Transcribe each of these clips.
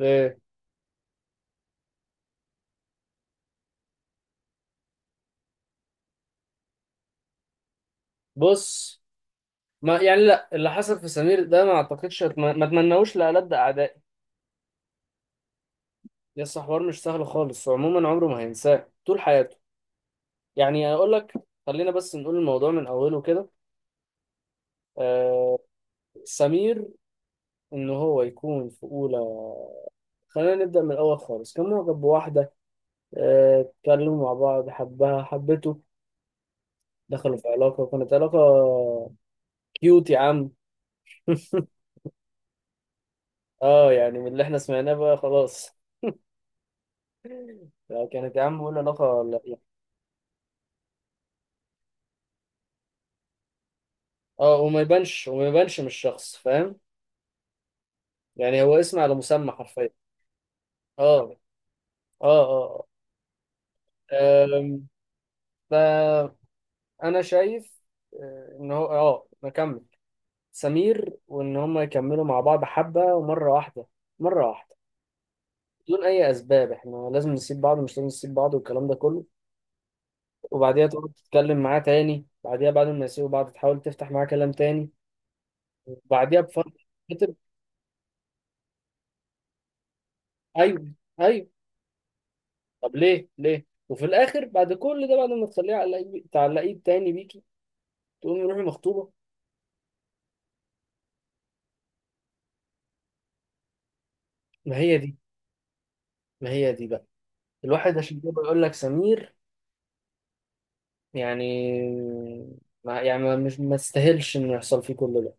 إيه، بص. ما يعني لا، اللي حصل في سمير ده ما اعتقدش ما اتمنوش لألد اعدائي. لسه حوار مش سهل خالص، وعموما عمره ما هينساه طول حياته. يعني اقول لك، خلينا بس نقول الموضوع من اوله كده. آه، سمير ان هو يكون في اولى، خلينا نبدأ من الأول خالص. كان معجب بواحدة، آه، اتكلموا مع بعض، حبها حبته، دخلوا في علاقة، وكانت علاقة كيوت يا عم. اه، يعني من اللي احنا سمعناه بقى خلاص. آه، كانت يا عم بقول علاقة. اه، وما يبانش وما يبانش من الشخص، فاهم؟ يعني هو اسم على مسمى حرفيا. اه اه. اه. آم، فانا شايف، آه، ان هو نكمل سمير، وان هم يكملوا مع بعض حبه، ومره واحده، مره واحده بدون اي اسباب احنا لازم نسيب بعض، مش لازم نسيب بعض، والكلام ده كله. وبعديها تقعد تتكلم معاه تاني، بعديها بعد ما يسيبوا بعض تحاول تفتح معاه كلام تاني، وبعديها بفتره. ايوه ايوه. طب ليه؟ ليه؟ وفي الاخر بعد كل ده، بعد ما تخليه على تعلقيه تاني بيكي، تقومي روحي مخطوبه. ما هي دي، ما هي دي بقى. الواحد عشان كده بيقول لك سمير يعني، مش ما تستاهلش انه يحصل فيه كل ده.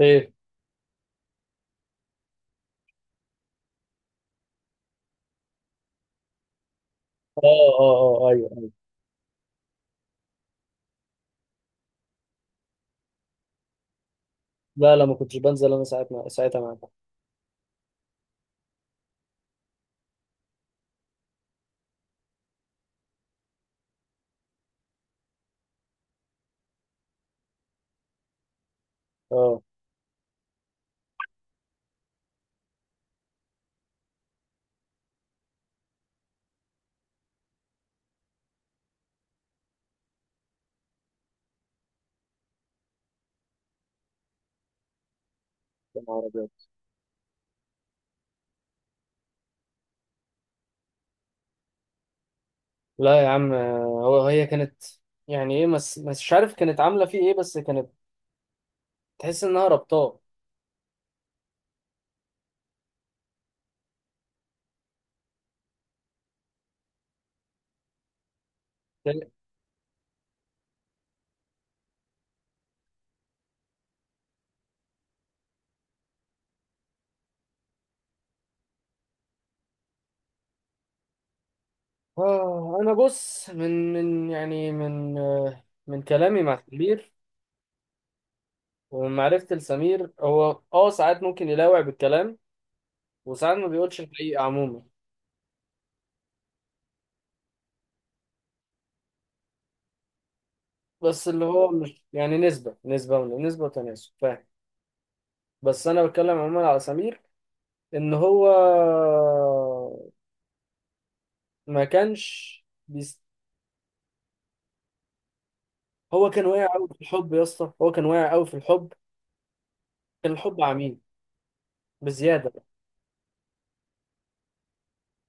ايه. اه اه. اه ايوه. لا لا، ما كنتش بنزل انا ساعتها، ساعتها معاك. اه. يا نهار أبيض. لا يا عم، هي كانت، يعني ايه، مش عارف كانت عامله فيه ايه، بس كانت تحس انها ربطاه. آه، أنا بص، من من يعني من آه، من كلامي مع سمير ومن معرفتي لسمير، هو آه، ساعات ممكن يلاوع بالكلام، وساعات ما بيقولش الحقيقة عموما. بس اللي هو مش يعني، نسبة نسبة ونسبة وتناسب، فاهم؟ بس أنا بتكلم عموما على سمير. إن هو ما كانش بيست... هو كان واقع أوي في الحب يا اسطى، هو كان واقع أوي في الحب. كان الحب عميق بزيادة،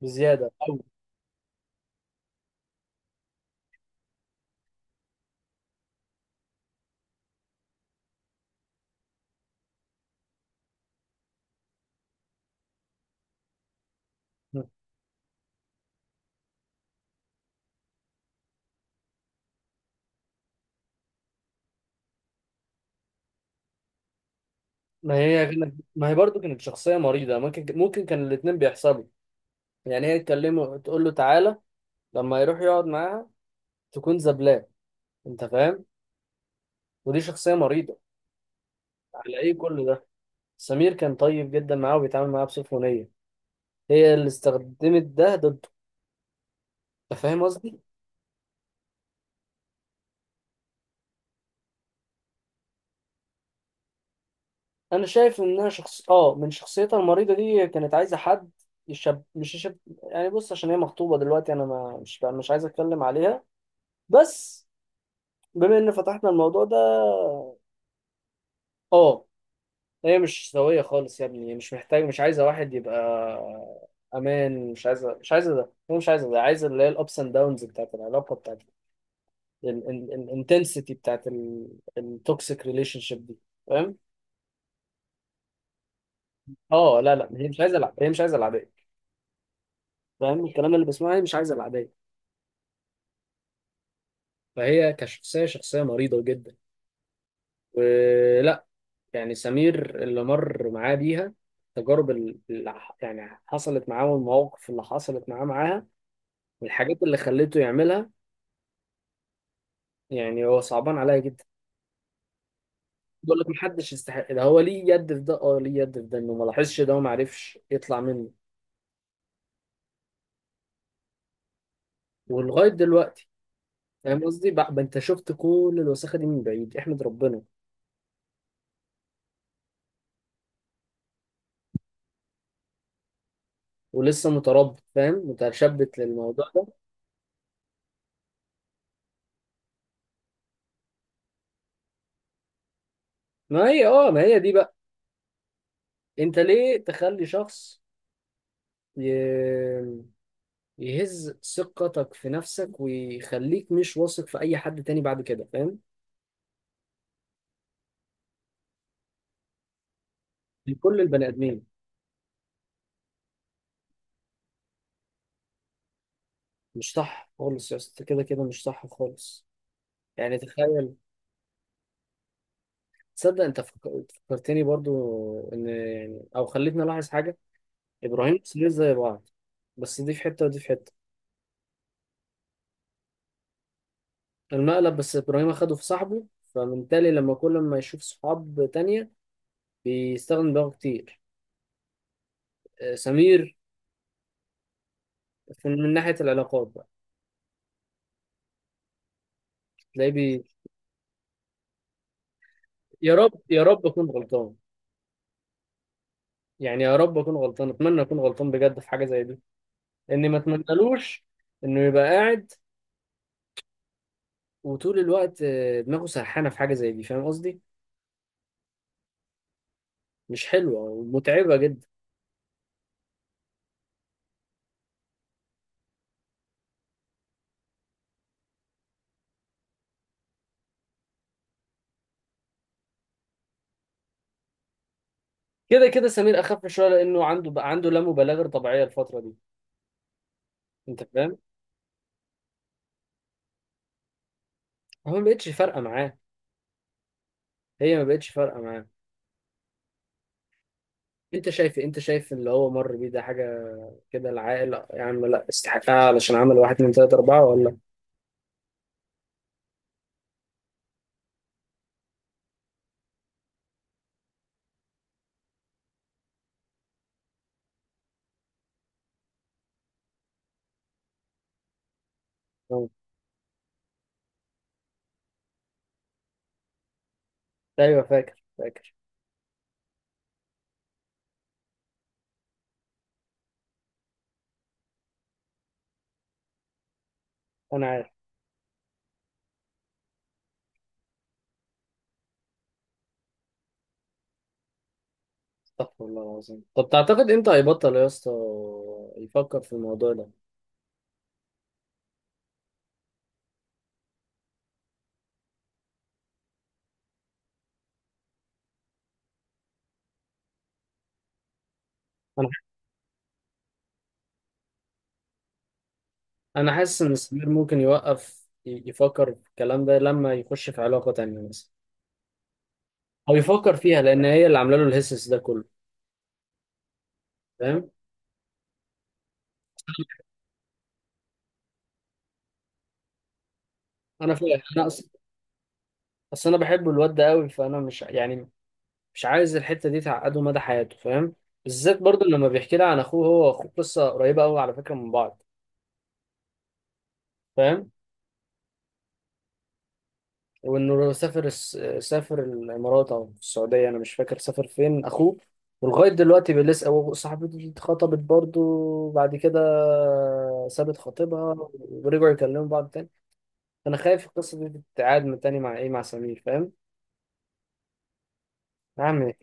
بزيادة أوي. ما هي، ما هي برضو كانت شخصية مريضة. ممكن، ممكن كان الاتنين بيحصلوا. يعني هي تكلمه تقول له تعالى، لما يروح يقعد معاها تكون زبلاه. انت فاهم؟ ودي شخصية مريضة. على ايه كل ده؟ سمير كان طيب جدا معاه، وبيتعامل معاه بسخونية، هي اللي استخدمت ده ضده. انت فاهم قصدي؟ انا شايف انها شخص، اه، من شخصيتها المريضة دي، كانت عايزة حد يشب مش يشب. يعني بص، عشان هي مخطوبة دلوقتي انا ما مش مش عايز اتكلم عليها، بس بما ان فتحنا الموضوع ده. اه، هي مش سوية خالص يا ابني، هي مش عايزة واحد يبقى أمان. مش عايزة ده، هي مش عايزة ده، عايزة اللي هي الأبس أند داونز بتاعت العلاقة، بتاعت الانتنسيتي بتاعت التوكسيك ريليشن شيب دي. فاهم؟ اه لا لا، هي مش عايزة الع- هي مش عايزة العادية. فاهم الكلام اللي بسمعه، هي مش عايزة العادية. فهي كشخصية، شخصية مريضة جدا. ولا يعني سمير اللي مر معاه بيها، التجارب اللي حصلت معاه، والمواقف اللي حصلت معاه معاها، والحاجات اللي خلته يعملها. يعني هو صعبان عليا جدا. بقول لك محدش يستحق ده، هو ليه يد في ده؟ اه ليه يد في ده، انه ما لاحظش ده وما عرفش يطلع منه ولغايه دلوقتي. فاهم قصدي بقى؟ انت شفت كل الوساخه دي من بعيد، احمد ربنا. ولسه متربط، فاهم، متشبت للموضوع ده. ما هي اه، ما هي دي بقى، انت ليه تخلي شخص ي... يهز ثقتك في نفسك، ويخليك مش واثق في اي حد تاني بعد كده، فاهم؟ لكل البني ادمين. مش صح خالص يا اسطى، كده كده مش صح خالص. يعني تخيل. تصدق انت فكرتني برضو، ان يعني، او خلتني الاحظ حاجه، ابراهيم وسمير زي بعض، بس دي في حته ودي في حته. المقلب، بس ابراهيم اخده في صاحبه، فبالتالي لما كل ما يشوف صحاب تانية بيستخدم دماغه كتير. آه، سمير من ناحيه العلاقات بقى تلاقيه يا رب يا رب اكون غلطان. يعني يا رب اكون غلطان، اتمنى اكون غلطان بجد في حاجه زي دي، لاني ما اتمنالوش انه يبقى قاعد وطول الوقت، آه، دماغه سرحانه في حاجه زي دي. فاهم قصدي؟ مش حلوه ومتعبه جدا. كده كده سمير اخف شويه لانه عنده بقى، عنده لا مبالغه طبيعيه الفتره دي. انت فاهم؟ هو ما بقتش فارقه معاه، هي ما بقتش فارقه معاه. انت شايف إيه؟ انت شايف اللي هو مر بيه ده حاجه كده، العائله يا عم لا استحقها، علشان عمل واحد من ثلاثة أربعة ولا. آه. ايوه فاكر، فاكر. انا عارف. استغفر الله العظيم. طب تعتقد امتى هيبطل يا اسطى يفكر في الموضوع ده؟ انا، انا حاسس ان سمير ممكن يوقف يفكر في الكلام ده لما يخش في علاقه تانيه مثلا، او يفكر فيها، لان هي اللي عامله له الهسس ده كله، فاهم؟ انا فاهم، انا اصلا، اصل انا بحب الواد ده قوي، فانا مش يعني مش عايز الحته دي تعقده مدى حياته، فاهم؟ بالذات برضو لما بيحكي لي عن اخوه، هو واخوه قصه قريبه قوي على فكره من بعض، فاهم؟ وانه سافر سافر الامارات او السعوديه، انا مش فاكر سافر فين اخوه. ولغايه دلوقتي بيلسع، وصاحبته دي اتخطبت برضو بعد كده، سابت خطيبها ورجعوا يكلموا بعض تاني. انا خايف القصه دي تتعاد من تاني مع ايه، مع سمير، فاهم؟ يا عم.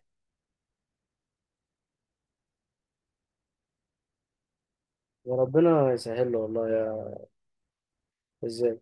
يا ربنا يسهل له، والله يا، ازاي.